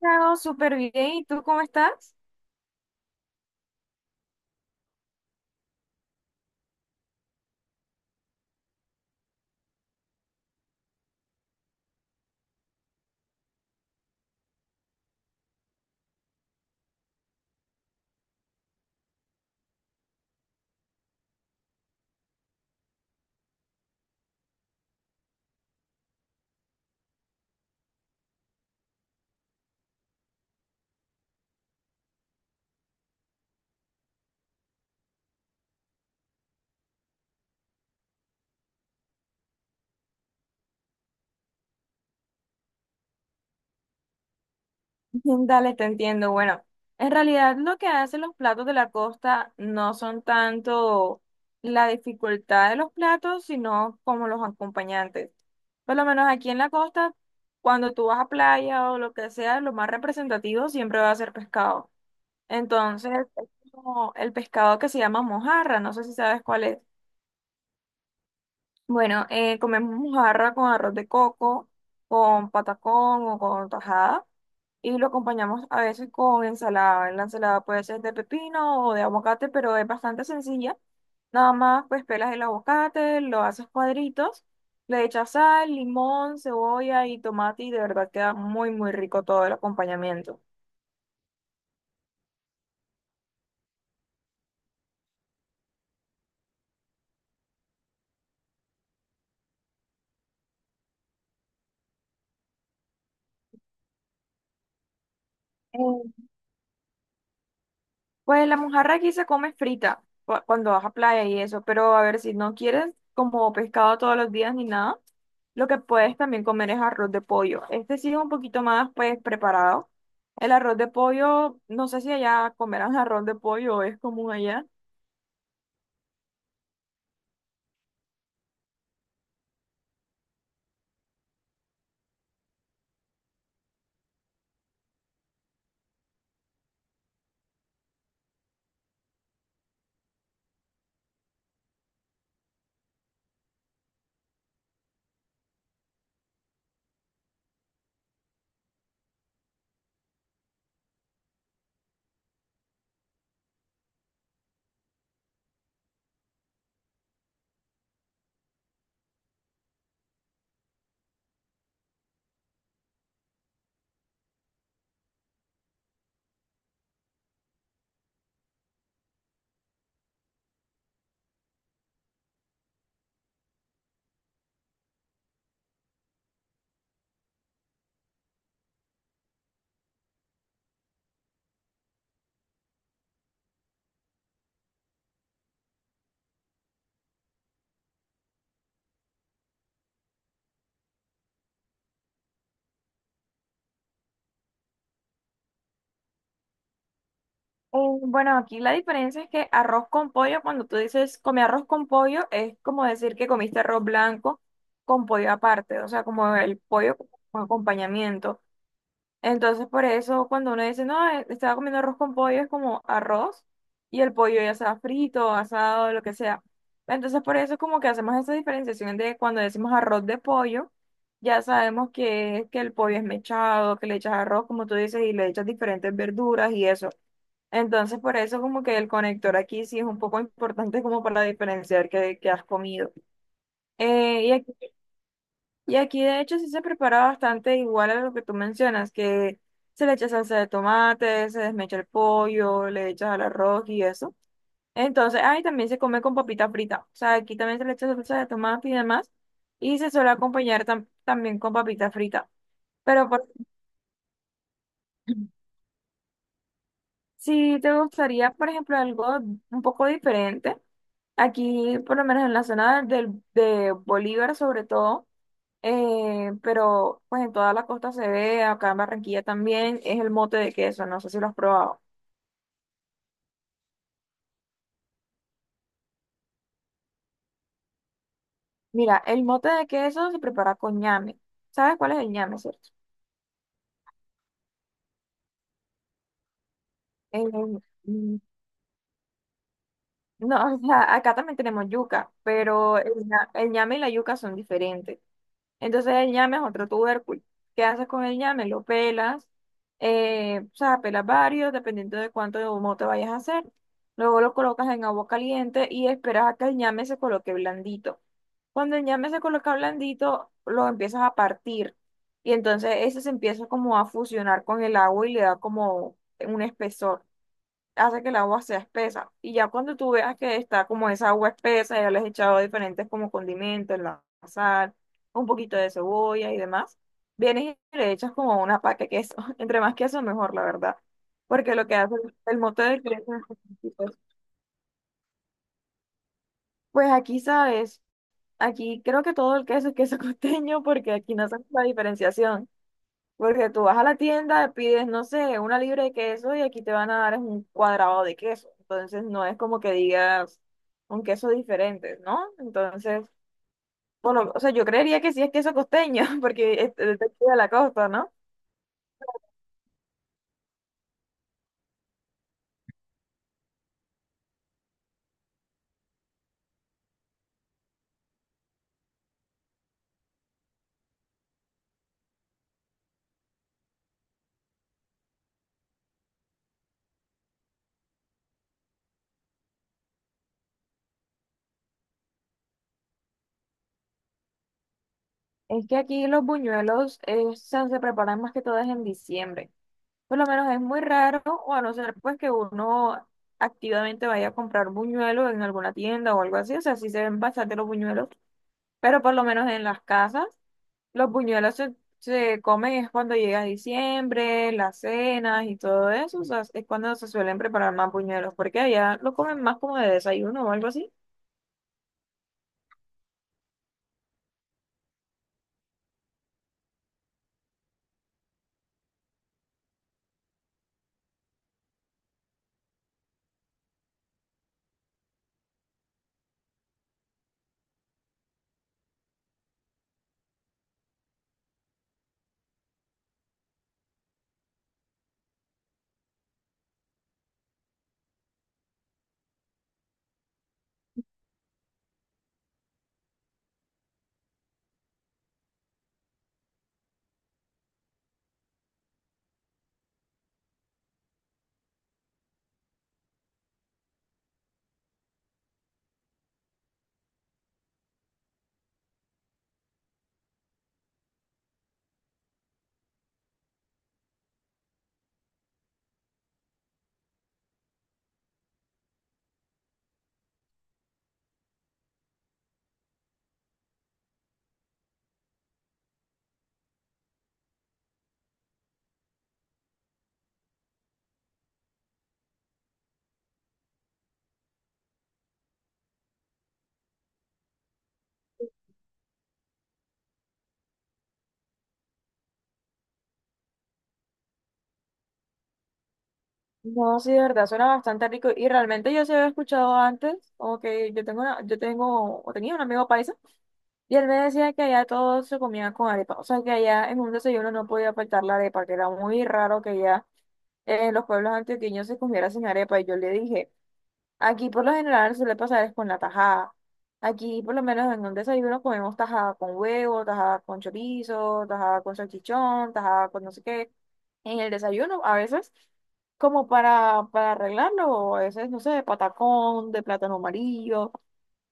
Chao, súper bien. ¿Y tú cómo estás? Dale, te entiendo. Bueno, en realidad lo que hacen los platos de la costa no son tanto la dificultad de los platos, sino como los acompañantes. Por lo menos aquí en la costa, cuando tú vas a playa o lo que sea, lo más representativo siempre va a ser pescado. Entonces, es como el pescado que se llama mojarra, no sé si sabes cuál es. Bueno, comemos mojarra con arroz de coco, con patacón o con tajada y lo acompañamos a veces con ensalada. La ensalada puede ser de pepino o de aguacate, pero es bastante sencilla. Nada más pues pelas el aguacate, lo haces cuadritos, le echas sal, limón, cebolla y tomate y de verdad queda muy muy rico todo el acompañamiento. Eh, Pues la mojarra aquí se come frita cuando vas a playa y eso, pero a ver, si no quieres como pescado todos los días ni nada, lo que puedes también comer es arroz de pollo. Este sí es un poquito más pues preparado. El arroz de pollo, no sé si allá comerán arroz de pollo es común allá. Bueno, aquí la diferencia es que arroz con pollo, cuando tú dices comí arroz con pollo, es como decir que comiste arroz blanco con pollo aparte, o sea, como el pollo como acompañamiento. Entonces, por eso, cuando uno dice, no, estaba comiendo arroz con pollo, es como arroz y el pollo ya sea frito, asado, lo que sea. Entonces, por eso es como que hacemos esa diferenciación de cuando decimos arroz de pollo, ya sabemos que el pollo es mechado, que le echas arroz, como tú dices, y le echas diferentes verduras y eso. Entonces, por eso como que el conector aquí sí es un poco importante como para diferenciar qué, qué has comido. Eh, y aquí de hecho sí se prepara bastante igual a lo que tú mencionas, que se le echa salsa de tomate, se desmecha el pollo, le echas al arroz y eso. Entonces, ahí también se come con papita frita. O sea, aquí también se le echa salsa de tomate y demás. Y se suele acompañar también con papita frita. Pero si te gustaría, por ejemplo, algo un poco diferente, aquí por lo menos en la zona de Bolívar sobre todo. Pero pues en toda la costa se ve, acá en Barranquilla también, es el mote de queso, no sé si lo has probado. Mira, el mote de queso se prepara con ñame. ¿Sabes cuál es el ñame, cierto? El- mm, no, o sea, acá también tenemos yuca, pero el ñame y la yuca son diferentes. Entonces el ñame es otro tubérculo. ¿Qué haces con el ñame? Lo pelas, o sea, pelas varios, dependiendo de cuánto de humo te vayas a hacer. Luego lo colocas en agua caliente y esperas a que el ñame se coloque blandito. Cuando el ñame se coloca blandito, lo empiezas a partir y entonces ese se empieza como a fusionar con el agua y le da como un espesor, hace que el agua sea espesa. Y ya cuando tú veas que está como esa agua espesa, ya le has echado diferentes como condimentos, la sal, un poquito de cebolla y demás, vienes y le echas como una paca de queso. Entre más queso, mejor, la verdad. Porque lo que hace el mote de queso, es- pues aquí sabes, aquí creo que todo el queso es queso costeño porque aquí no hacemos la diferenciación. Porque tú vas a la tienda, pides, no sé, una libra de queso y aquí te van a dar es un cuadrado de queso. Entonces no es como que digas un queso diferente, ¿no? Entonces, o sea, yo creería que sí es queso costeño, porque es de aquí de la costa, ¿no? Es que aquí los buñuelos se preparan más que todo es en diciembre. Por lo menos es muy raro, o a no ser pues que uno activamente vaya a comprar buñuelos en alguna tienda o algo así. O sea, sí se ven bastante los buñuelos, pero por lo menos en las casas. Los se comen es cuando llega diciembre, las cenas y todo eso, o sea, es cuando se suelen preparar más buñuelos, porque allá lo comen más como de desayuno o algo así. No, sí, de verdad, suena bastante rico y realmente yo se había escuchado antes, como que yo tengo yo tengo, o tenía un amigo paisa y él me decía que allá todo se comía con arepa, o sea, que allá en un desayuno no podía faltar la arepa, que era muy raro que allá en los pueblos antioqueños se comiera sin arepa y yo le dije... Aquí por lo general suele pasar es con la tajada. Aquí por lo menos en el desayuno comemos tajada con huevo, tajada con chorizo, tajada con salchichón, tajada con no sé qué. En el desayuno a veces como para arreglarlo, o a veces no sé, de patacón, de plátano amarillo.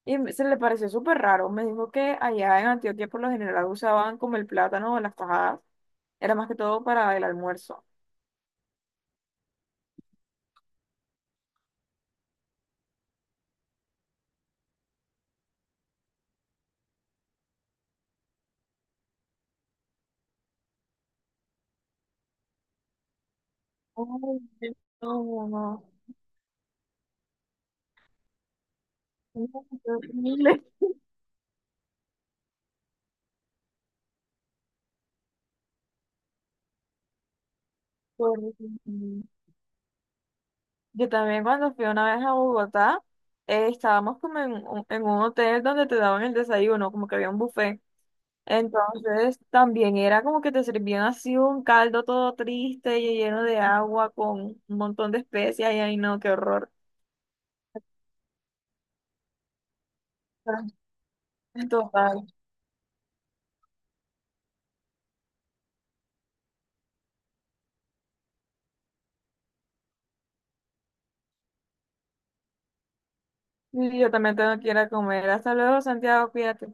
Se le pareció súper raro. Me dijo que allá en Antioquia por lo general usaban como el plátano o las tajadas. Era más que todo para el almuerzo. Ay, no, no, no, qué horrible. Pobrecito. Yo también cuando fui una vez a Bogotá, estábamos como en un hotel donde te daban el desayuno, como que había un buffet. Entonces también era como que te servían así un caldo todo triste y lleno de agua con un montón de especias y ay no, qué horror. Pero, en total. Y yo también tengo que ir a comer. Hasta luego, Santiago, cuídate.